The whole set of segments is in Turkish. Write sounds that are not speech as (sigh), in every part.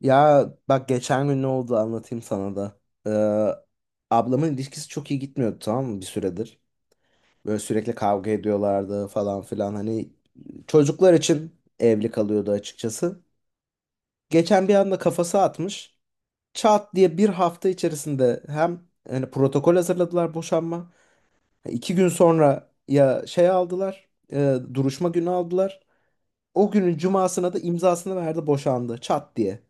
Ya bak geçen gün ne oldu anlatayım sana da. Ee, Ablamın ilişkisi çok iyi gitmiyordu, tamam mı, bir süredir. Böyle sürekli kavga ediyorlardı falan filan. Hani çocuklar için evli kalıyordu açıkçası. Geçen bir anda kafası atmış. Çat diye bir hafta içerisinde hem hani protokol hazırladılar boşanma. İki gün sonra ya şey aldılar. Duruşma günü aldılar. O günün cumasına da imzasını verdi, boşandı çat diye.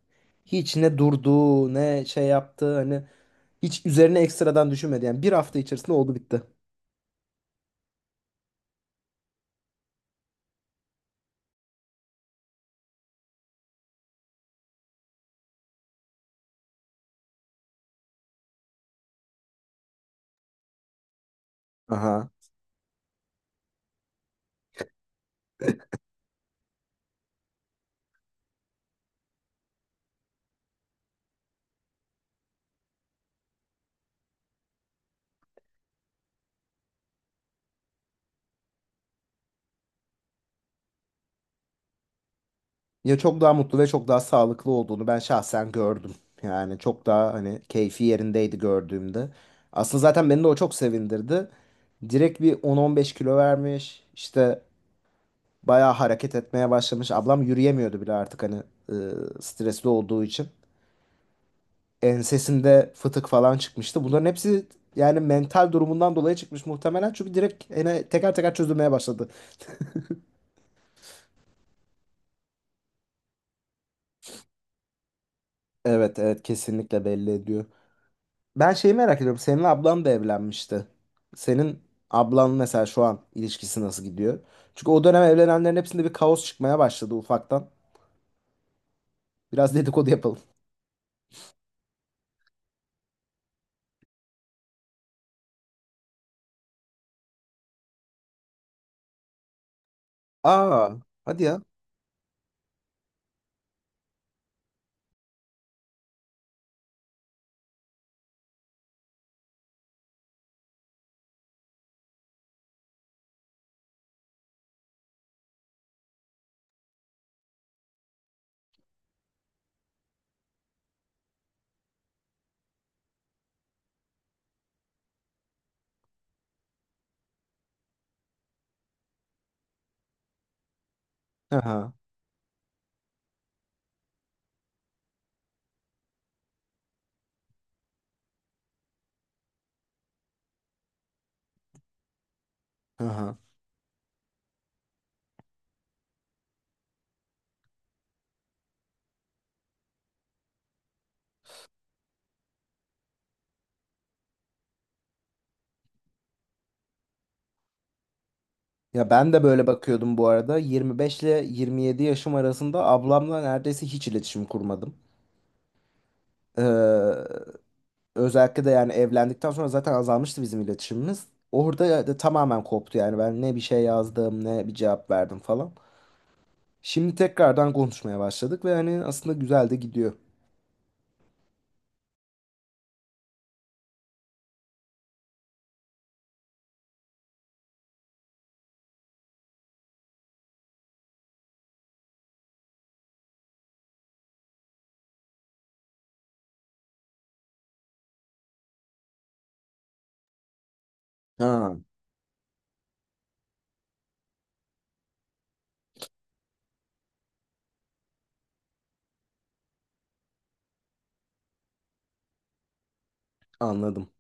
Hiç ne durdu ne şey yaptı, hani hiç üzerine ekstradan düşünmedi. Yani bir hafta içerisinde oldu bitti. Aha. Ya çok daha mutlu ve çok daha sağlıklı olduğunu ben şahsen gördüm. Yani çok daha hani keyfi yerindeydi gördüğümde. Aslında zaten beni de o çok sevindirdi. Direkt bir 10-15 kilo vermiş. İşte bayağı hareket etmeye başlamış. Ablam yürüyemiyordu bile artık, hani e, stresli olduğu için. Ensesinde fıtık falan çıkmıştı. Bunların hepsi yani mental durumundan dolayı çıkmış muhtemelen. Çünkü direkt hani teker teker çözülmeye başladı. Evet, evet, kesinlikle belli ediyor. Ben şeyi merak ediyorum. Senin ablan da evlenmişti. Senin ablan mesela şu an ilişkisi nasıl gidiyor? Çünkü o dönem evlenenlerin hepsinde bir kaos çıkmaya başladı ufaktan. Biraz dedikodu yapalım. Aa, hadi ya. Aha, aha. Ya ben de böyle bakıyordum bu arada. 25 ile 27 yaşım arasında ablamla neredeyse hiç iletişim kurmadım. Ee, Özellikle de yani evlendikten sonra zaten azalmıştı bizim iletişimimiz. Orada da tamamen koptu, yani ben ne bir şey yazdım ne bir cevap verdim falan. Şimdi tekrardan konuşmaya başladık ve hani aslında güzel de gidiyor. Ha, anladım.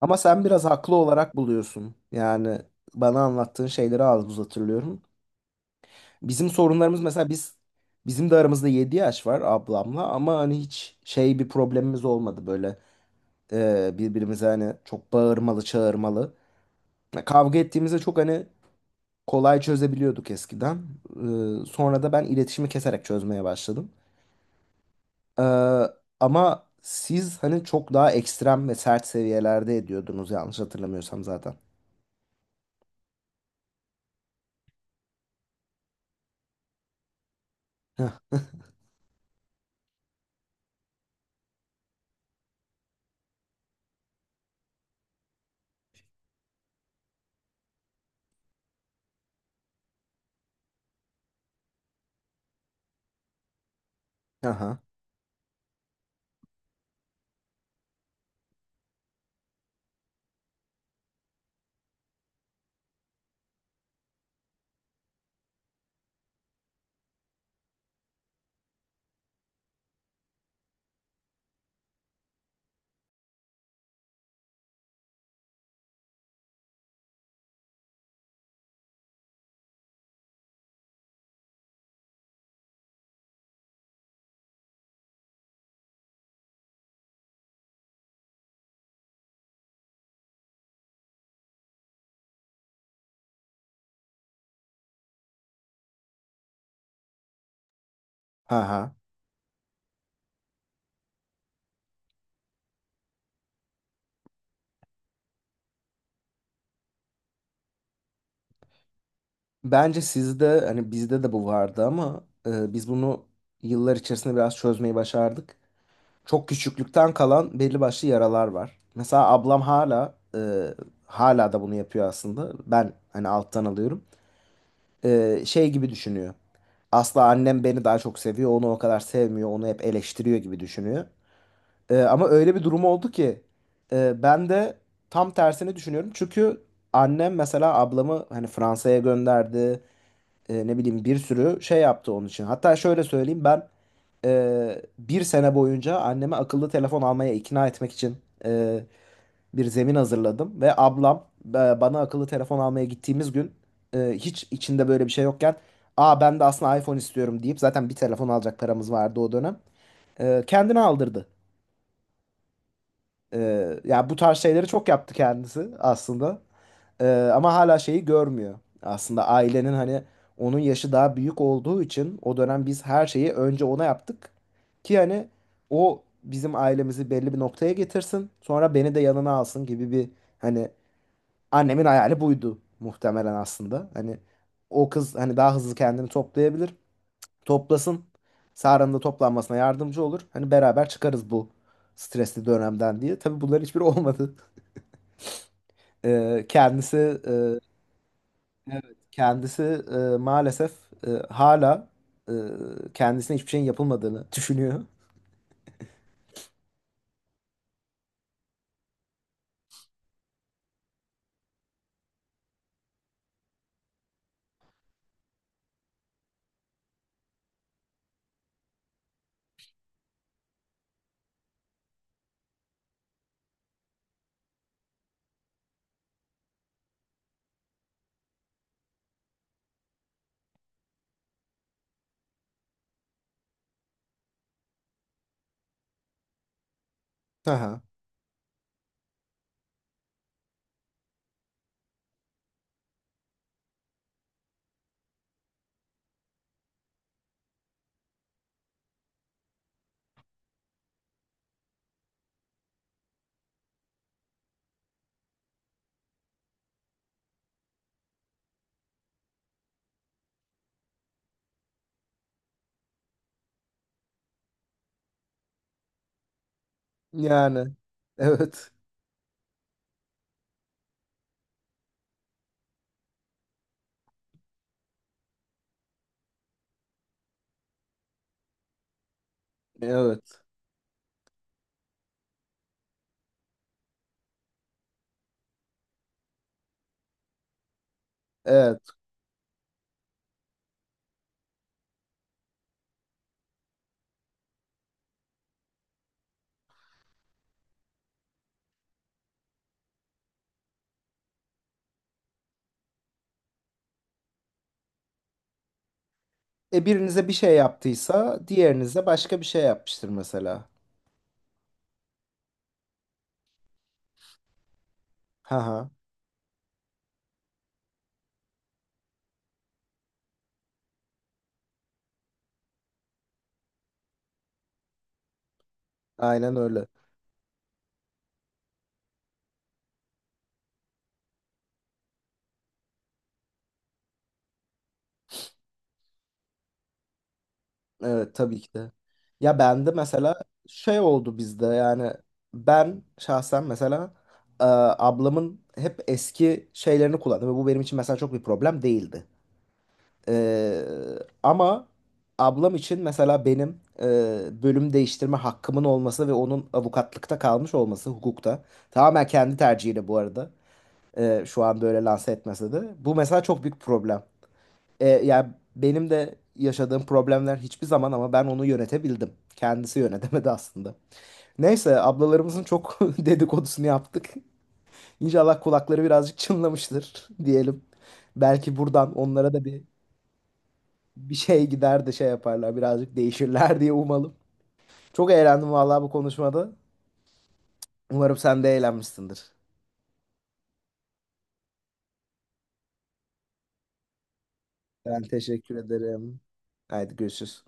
Ama sen biraz haklı olarak buluyorsun. Yani bana anlattığın şeyleri az buz hatırlıyorum. Bizim sorunlarımız mesela biz Bizim de aramızda 7 yaş var ablamla, ama hani hiç şey bir problemimiz olmadı böyle, birbirimize hani çok bağırmalı çağırmalı. Ya kavga ettiğimizde çok hani kolay çözebiliyorduk eskiden. E, sonra da ben iletişimi keserek çözmeye başladım. Ee, Ama siz hani çok daha ekstrem ve sert seviyelerde ediyordunuz yanlış hatırlamıyorsam zaten. Heh, aha. Aha. Bence sizde hani bizde de bu vardı, ama biz bunu yıllar içerisinde biraz çözmeyi başardık. Çok küçüklükten kalan belli başlı yaralar var. Mesela ablam hala da bunu yapıyor aslında. Ben hani alttan alıyorum. E, şey gibi düşünüyor. Asla, annem beni daha çok seviyor, onu o kadar sevmiyor, onu hep eleştiriyor gibi düşünüyor. Ama öyle bir durum oldu ki ben de tam tersini düşünüyorum. Çünkü annem mesela ablamı hani Fransa'ya gönderdi. E, ne bileyim bir sürü şey yaptı onun için. Hatta şöyle söyleyeyim, ben bir sene boyunca anneme akıllı telefon almaya ikna etmek için e, bir zemin hazırladım. Ve ablam, bana akıllı telefon almaya gittiğimiz gün, hiç içinde böyle bir şey yokken, aa ben de aslında iPhone istiyorum deyip, zaten bir telefon alacak paramız vardı o dönem. E, kendine aldırdı. Yani bu tarz şeyleri çok yaptı kendisi aslında. Ama hala şeyi görmüyor. Aslında ailenin hani, onun yaşı daha büyük olduğu için o dönem biz her şeyi önce ona yaptık. Ki hani o bizim ailemizi belli bir noktaya getirsin. Sonra beni de yanına alsın gibi bir, hani annemin hayali buydu muhtemelen aslında. Hani o kız hani daha hızlı kendini toplayabilir, toplasın. Sara'nın da toplanmasına yardımcı olur. Hani beraber çıkarız bu stresli dönemden diye. Tabii bunların hiçbiri (laughs) olmadı. Ee, kendisi e, evet, Kendisi maalesef e, hala e, kendisine hiçbir şeyin yapılmadığını düşünüyor. Aha. Yani evet. Evet. Evet. E birinize bir şey yaptıysa diğerinize başka bir şey yapmıştır mesela. Haha. Aynen öyle. Evet, tabii ki de. Ya bende mesela şey oldu bizde yani Ben şahsen mesela, e, ablamın hep eski şeylerini kullandım ve bu benim için mesela çok bir problem değildi. E, ama ablam için mesela benim bölüm değiştirme hakkımın olması ve onun avukatlıkta kalmış olması, hukukta, tamamen kendi tercihiyle bu arada, şu anda öyle lanse etmese de bu mesela çok büyük problem. E, yani benim de yaşadığım problemler hiçbir zaman, ama ben onu yönetebildim. Kendisi yönetemedi aslında. Neyse, ablalarımızın çok (laughs) dedikodusunu yaptık. İnşallah kulakları birazcık çınlamıştır (laughs) diyelim. Belki buradan onlara da bir şey gider de şey yaparlar, birazcık değişirler (laughs) diye umalım. Çok eğlendim vallahi bu konuşmada. Umarım sen de eğlenmişsindir. Ben teşekkür ederim. Haydi görüşürüz.